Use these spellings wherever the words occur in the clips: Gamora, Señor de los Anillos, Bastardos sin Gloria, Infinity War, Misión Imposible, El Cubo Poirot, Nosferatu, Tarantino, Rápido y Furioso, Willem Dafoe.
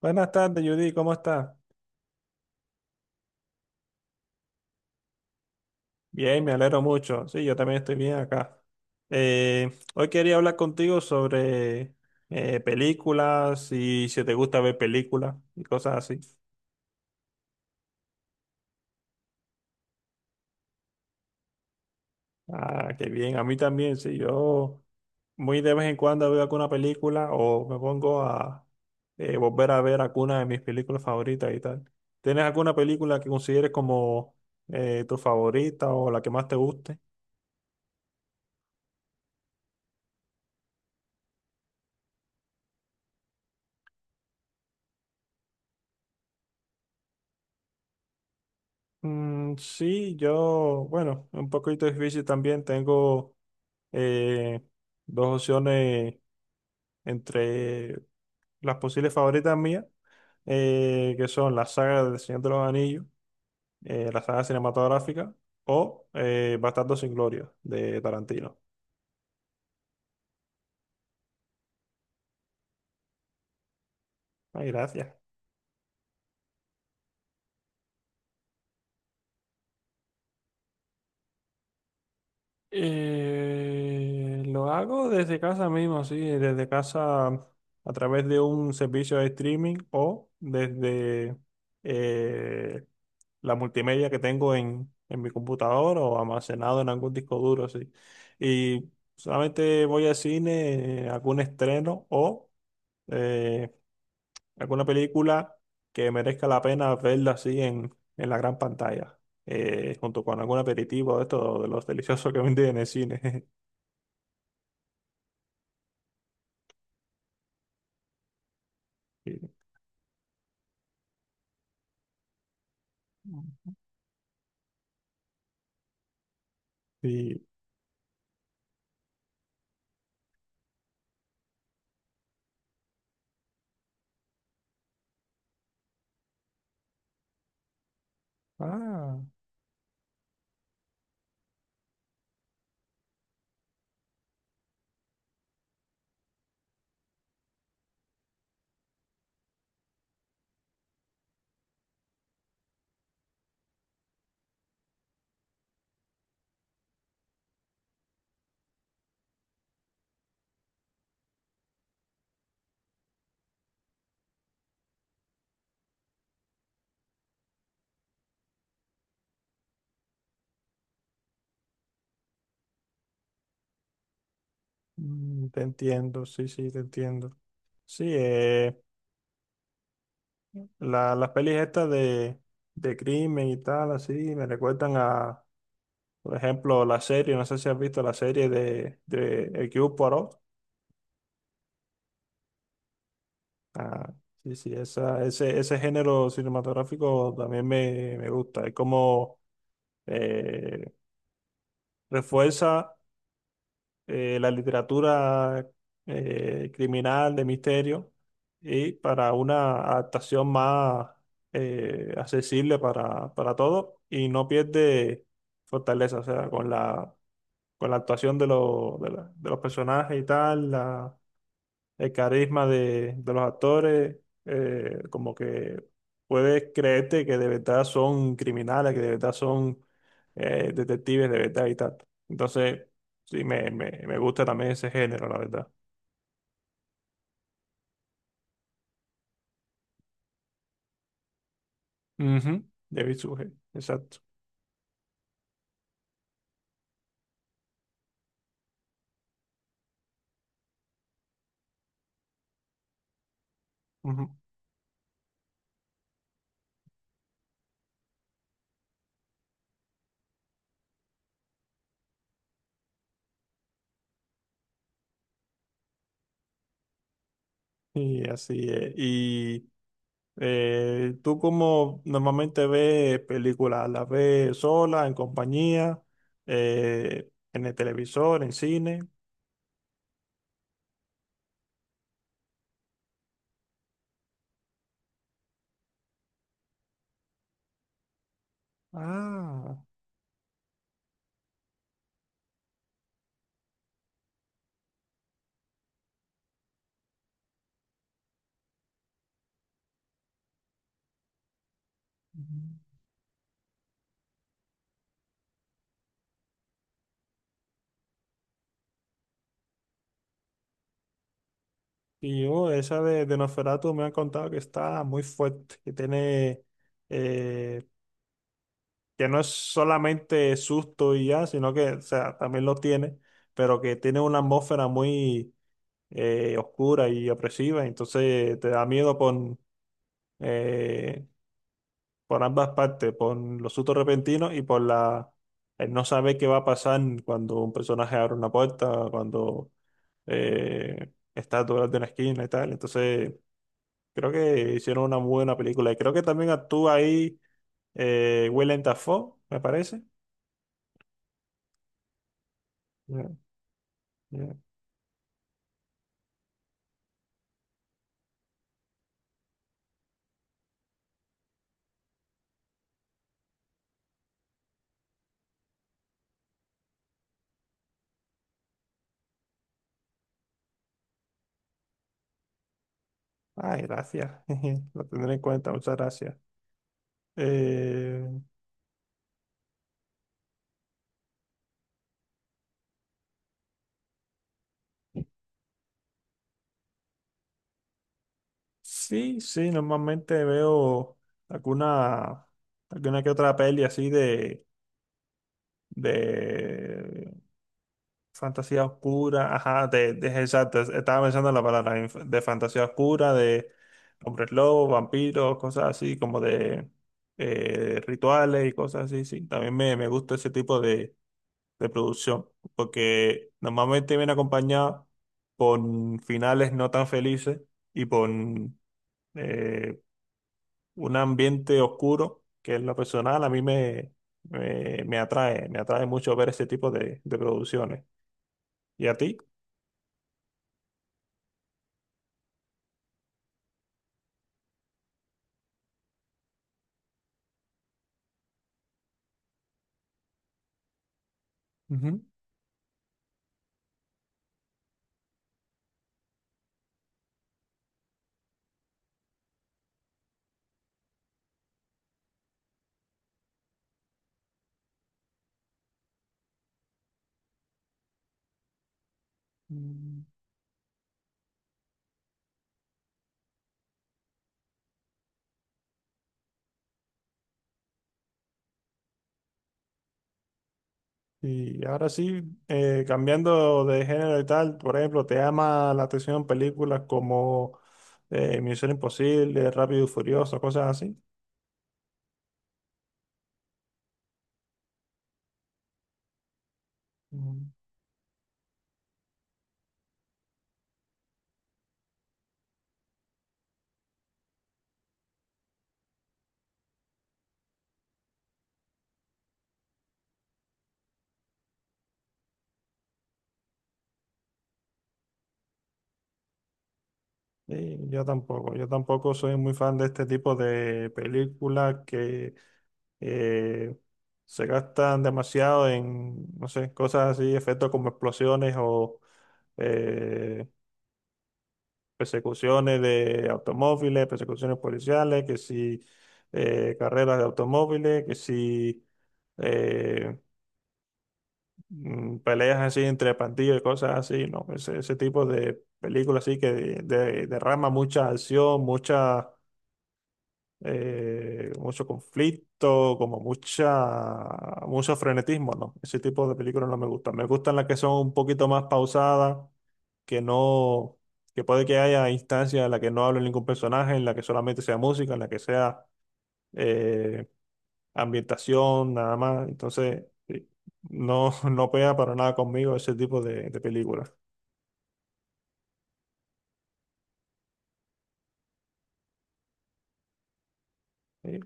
Buenas tardes, Judy, ¿cómo estás? Bien, me alegro mucho. Sí, yo también estoy bien acá. Hoy quería hablar contigo sobre películas y si te gusta ver películas y cosas así. Ah, qué bien, a mí también, sí, yo muy de vez en cuando veo alguna película o me pongo a volver a ver alguna de mis películas favoritas y tal. ¿Tienes alguna película que consideres como tu favorita o la que más te guste? Sí, yo, bueno, un poquito difícil también. Tengo eh, dos opciones entre las posibles favoritas mías, que son la saga del Señor de los Anillos, la saga cinematográfica, o Bastardos sin Gloria de Tarantino. Ay, gracias. Lo hago desde casa mismo, sí, desde casa a través de un servicio de streaming o desde eh, la multimedia que tengo en mi computador o almacenado en algún disco duro, sí. Y solamente voy al cine, algún estreno o eh, alguna película que merezca la pena verla así en la gran pantalla, junto con algún aperitivo de esto, de los deliciosos que venden en el cine. Sí, sí. Ah, te entiendo, sí, sí, te entiendo. Sí, las pelis estas de crimen y tal, así, me recuerdan a, por ejemplo, la serie, no sé si has visto la serie de El Cubo Poirot. Ah, sí, sí, esa, ese género cinematográfico también me gusta. Es como eh, refuerza. La literatura criminal, de misterio, y para una adaptación más accesible para todos y no pierde fortaleza, o sea, con la actuación de, los de los personajes y tal, la, el carisma de los actores, como que puedes creerte que de verdad son criminales, que de verdad son detectives, de verdad y tal. Entonces, sí, me gusta también ese género, la verdad. Ujú, David Sujet, exacto. Ujú. Y así es. Y tú como normalmente ves películas, ¿las ves sola, en compañía, en el televisor, en cine? Ah. Y yo, esa de Nosferatu me han contado que está muy fuerte, que tiene, eh, que no es solamente susto y ya, sino que, o sea, también lo tiene, pero que tiene una atmósfera muy oscura y opresiva, entonces te da miedo eh, por ambas partes, por los sustos repentinos y por la, el no saber qué va a pasar cuando un personaje abre una puerta, cuando está detrás de una esquina y tal, entonces... Creo que hicieron una muy buena película. Y creo que también actúa ahí Willem Dafoe, me parece. Ya, ya. Ay, gracias. Lo tendré en cuenta, muchas gracias. Eh, sí, sí, normalmente veo alguna, alguna que otra peli así de Fantasía oscura, ajá, de, exacto, estaba pensando en la palabra de fantasía oscura, de hombres lobos, vampiros, cosas así, como de rituales y cosas así, sí. También me gusta ese tipo de producción, porque normalmente viene acompañado con finales no tan felices y con eh, un ambiente oscuro, que en lo personal a mí me, me, me atrae mucho ver ese tipo de producciones. ¿Y a ti? Mm. Y ahora sí, cambiando de género y tal, por ejemplo, ¿te llama la atención películas como Misión Imposible, Rápido y Furioso, cosas así? Mm. Sí, yo tampoco soy muy fan de este tipo de películas que eh, se gastan demasiado en, no sé, cosas así, efectos como explosiones o eh, persecuciones de automóviles, persecuciones policiales, que si carreras de automóviles, que si eh, peleas así entre pandillas y cosas así, ¿no? Ese tipo de películas así que derrama mucha acción, mucha, mucho conflicto, como mucha, mucho frenetismo, ¿no? Ese tipo de películas no me gustan. Me gustan las que son un poquito más pausadas que no, que puede que haya instancias en las que no hable ningún personaje, en la que solamente sea música, en la que sea eh, ambientación, nada más. Entonces, no, no pega para nada conmigo ese tipo de películas. ¿Sí?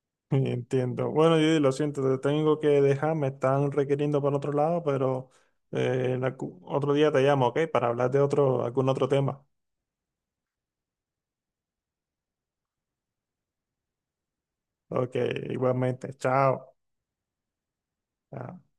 Entiendo. Bueno, yo lo siento, te tengo que dejar, me están requiriendo para otro lado, pero en otro día te llamo, ¿ok? Para hablar de otro, algún otro tema. Ok, igualmente. Chao. Chao.